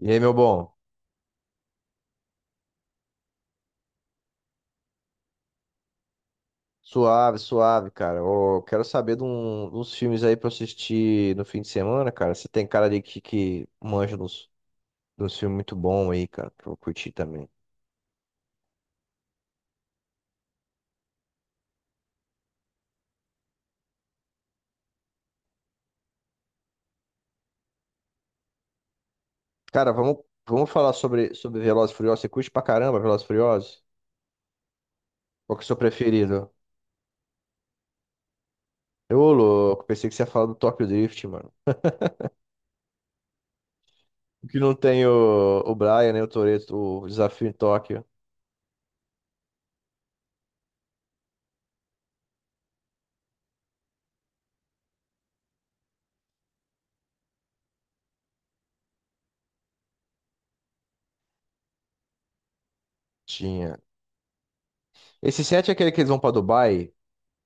E aí, meu bom? Suave, suave, cara. Ô, quero saber de uns filmes aí pra eu assistir no fim de semana, cara. Você tem cara de que manja dos filmes muito bom aí, cara, pra eu curtir também. Cara, vamos falar sobre Velozes e Furiosos. Você curte pra caramba Velozes e Furiosos? Qual que é o seu preferido? Eu, louco, pensei que você ia falar do Tokyo Drift, mano. O que não tem o Brian, né, o Toretto, o Desafio em Tóquio. Tinha. Esse 7 é aquele que eles vão pra Dubai?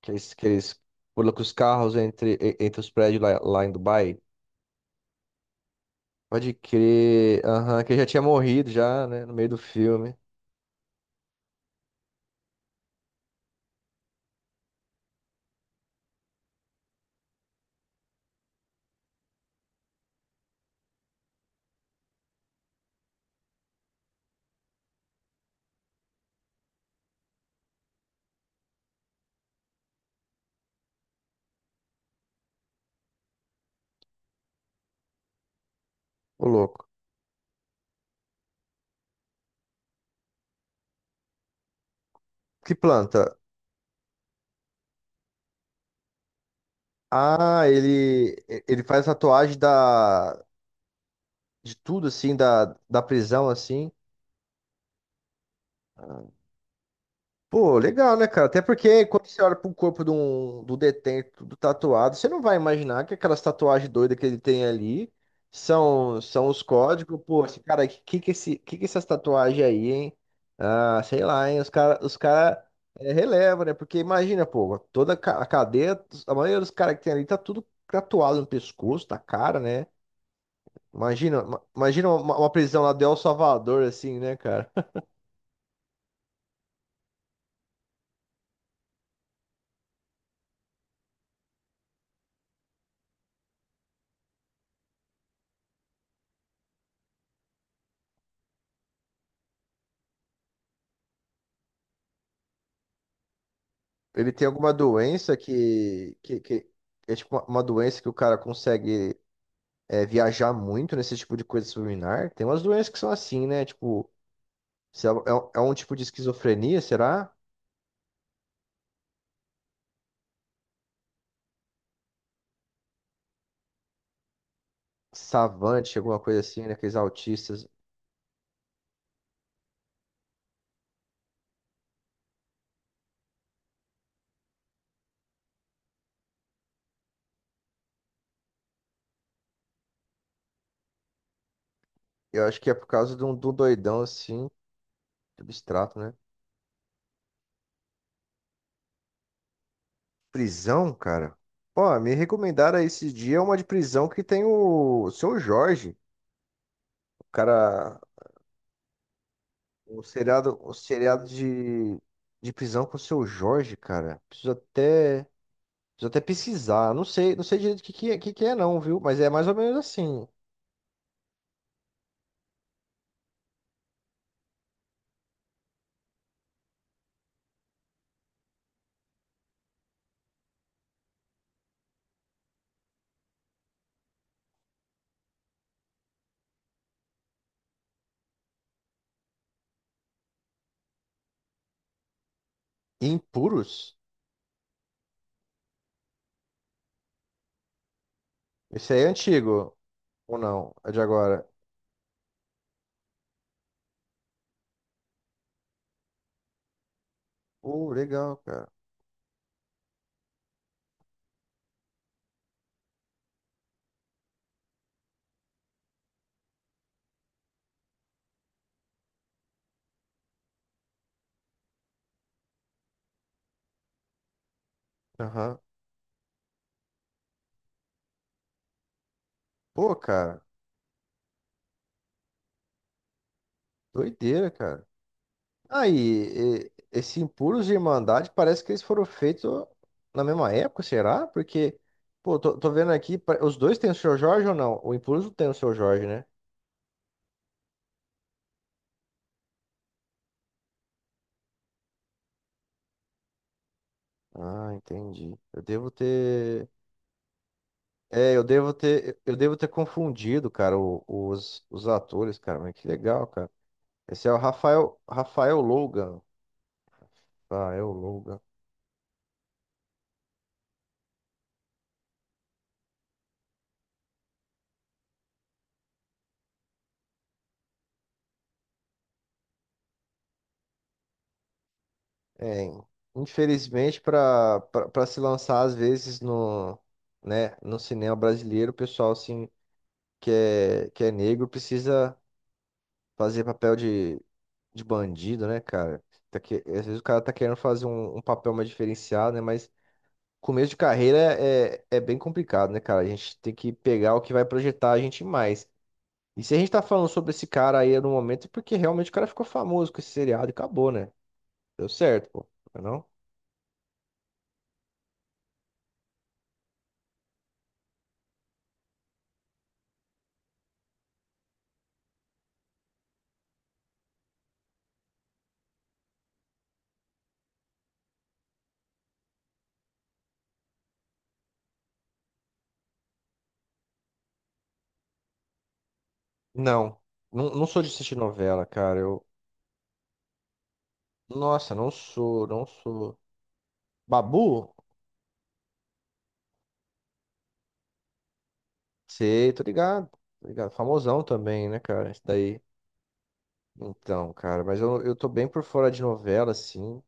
Que eles colocam os carros entre, entre os prédios lá, lá em Dubai. Pode crer. Aham, que ele já tinha morrido já, né? No meio do filme. Ô, louco. Que planta? Ah, ele faz tatuagem de tudo, assim, da prisão, assim. Pô, legal, né, cara? Até porque quando você olha pro corpo de um, do detento, do tatuado, você não vai imaginar que aquelas tatuagens doidas que ele tem ali são os códigos. Pô, esse cara, que esse, que essas tatuagens aí, hein? Ah, sei lá, hein? Os cara é, releva, né? Porque imagina, pô, a cadeia, a maioria dos caras que tem ali tá tudo tatuado no pescoço, na cara, né? Imagina, imagina uma prisão lá de El Salvador, assim, né, cara? Ele tem alguma doença que é tipo uma doença que o cara consegue é, viajar muito nesse tipo de coisa subliminar? Tem umas doenças que são assim, né? Tipo, se é, é um tipo de esquizofrenia, será? Savante, alguma coisa assim, né? Aqueles autistas. Eu acho que é por causa de um doidão assim, abstrato, né? Prisão, cara. Ó, me recomendaram esses dias uma de prisão que tem o seu Jorge, o cara. O seriado de prisão com o seu Jorge, cara. Preciso até pesquisar. Não sei, não sei direito o que é não, viu? Mas é mais ou menos assim. E Impuros? Esse aí é antigo ou não? É de agora. Oh, legal, cara. Aham. Pô, cara, doideira, cara. Aí, esse Impuros de Irmandade parece que eles foram feitos na mesma época, será? Porque, pô, tô vendo aqui, os dois têm o seu Jorge ou não? O Impuros não tem o seu Jorge, né? Ah, entendi. Eu devo ter. É, eu devo ter. Eu devo ter confundido, cara, os atores, cara. Mas que legal, cara. Esse é o Rafael, Rafael Logan. Rafael Logan. É, infelizmente, para se lançar, às vezes, no, né, no cinema brasileiro, o pessoal, assim, que é negro, precisa fazer papel de bandido, né, cara? Tá que, às vezes o cara tá querendo fazer um, um papel mais diferenciado, né? Mas começo de carreira é bem complicado, né, cara? A gente tem que pegar o que vai projetar a gente mais. E se a gente tá falando sobre esse cara aí no momento, é porque realmente o cara ficou famoso com esse seriado e acabou, né? Deu certo, pô. Não? É. Não, não sou de assistir novela, cara. Eu, nossa, não sou, não sou. Babu? Sei, tô ligado, tô ligado. Famosão também, né, cara? Isso daí. Então, cara, mas eu tô bem por fora de novela, assim.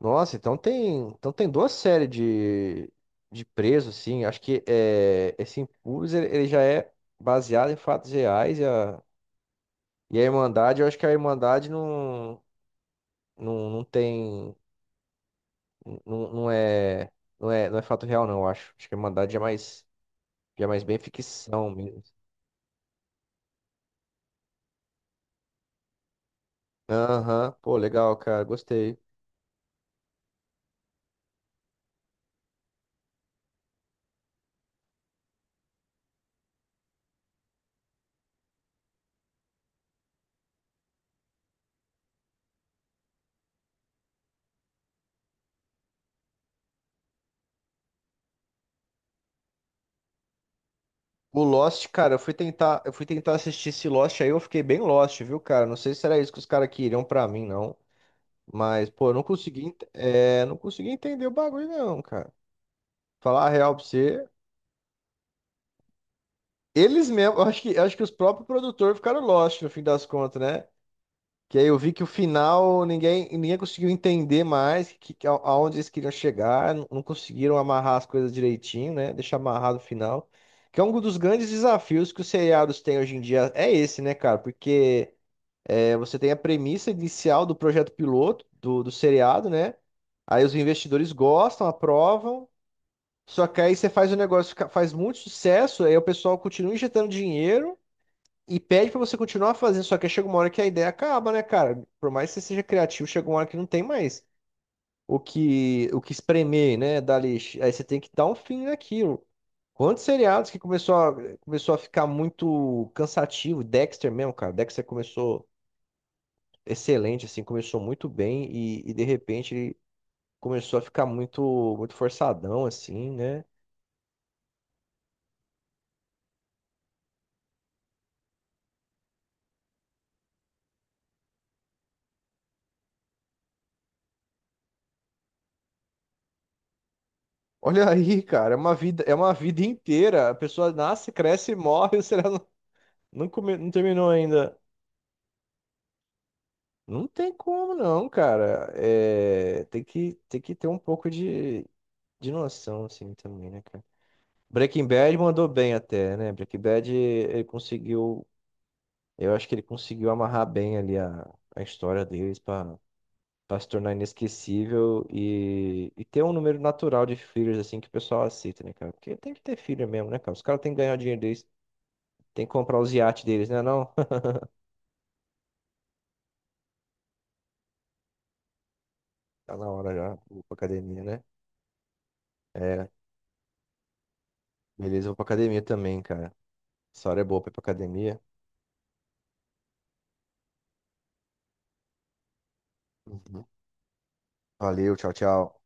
Nossa, então tem duas séries de presos, sim. Acho que é, esse Impuros ele já é baseado em fatos reais e a Irmandade, eu acho que a Irmandade não, não, não tem, não, não é, não é, não é fato real, não, eu acho. Acho que a Irmandade já é mais bem ficção mesmo. Aham. Pô, legal, cara, gostei. O Lost, cara, eu fui tentar assistir esse Lost aí, eu fiquei bem Lost, viu, cara? Não sei se era isso que os caras queriam pra mim, não. Mas, pô, eu não consegui, não consegui entender o bagulho, não, cara. Falar a real pra você. Eles mesmo, acho que os próprios produtores ficaram lost no fim das contas, né? Que aí eu vi que o final ninguém, ninguém conseguiu entender mais que aonde eles queriam chegar, não conseguiram amarrar as coisas direitinho, né? Deixar amarrado o final. Que é um dos grandes desafios que os seriados têm hoje em dia, é esse, né, cara? Porque. É, você tem a premissa inicial do projeto piloto, do seriado, né? Aí os investidores gostam, aprovam. Só que aí você faz o negócio, faz muito sucesso, aí o pessoal continua injetando dinheiro e pede pra você continuar fazendo. Só que aí chega uma hora que a ideia acaba, né, cara? Por mais que você seja criativo, chega uma hora que não tem mais o que espremer, né, dali. Aí você tem que dar um fim naquilo. Quantos seriados que começou a ficar muito cansativo? Dexter mesmo, cara. Dexter começou excelente, assim, começou muito bem e de repente ele começou a ficar muito forçadão, assim, né? Olha aí, cara, é uma vida inteira. A pessoa nasce, cresce e morre. Será que não terminou ainda? Não tem como, não, cara. É, tem que ter um pouco de noção, assim, também, né, cara? Breaking Bad mandou bem até, né? Breaking Bad, ele conseguiu. Eu acho que ele conseguiu amarrar bem ali a história deles pra. Pra se tornar inesquecível e ter um número natural de fillers, assim, que o pessoal aceita, né, cara? Porque tem que ter filler mesmo, né, cara? Os caras têm que ganhar o dinheiro deles, tem que comprar os iates deles, né, não? Tá na hora já, vou pra academia, né? É, beleza, eu vou pra academia também, cara. Essa hora é boa pra ir pra academia. Uhum. Valeu, tchau, tchau.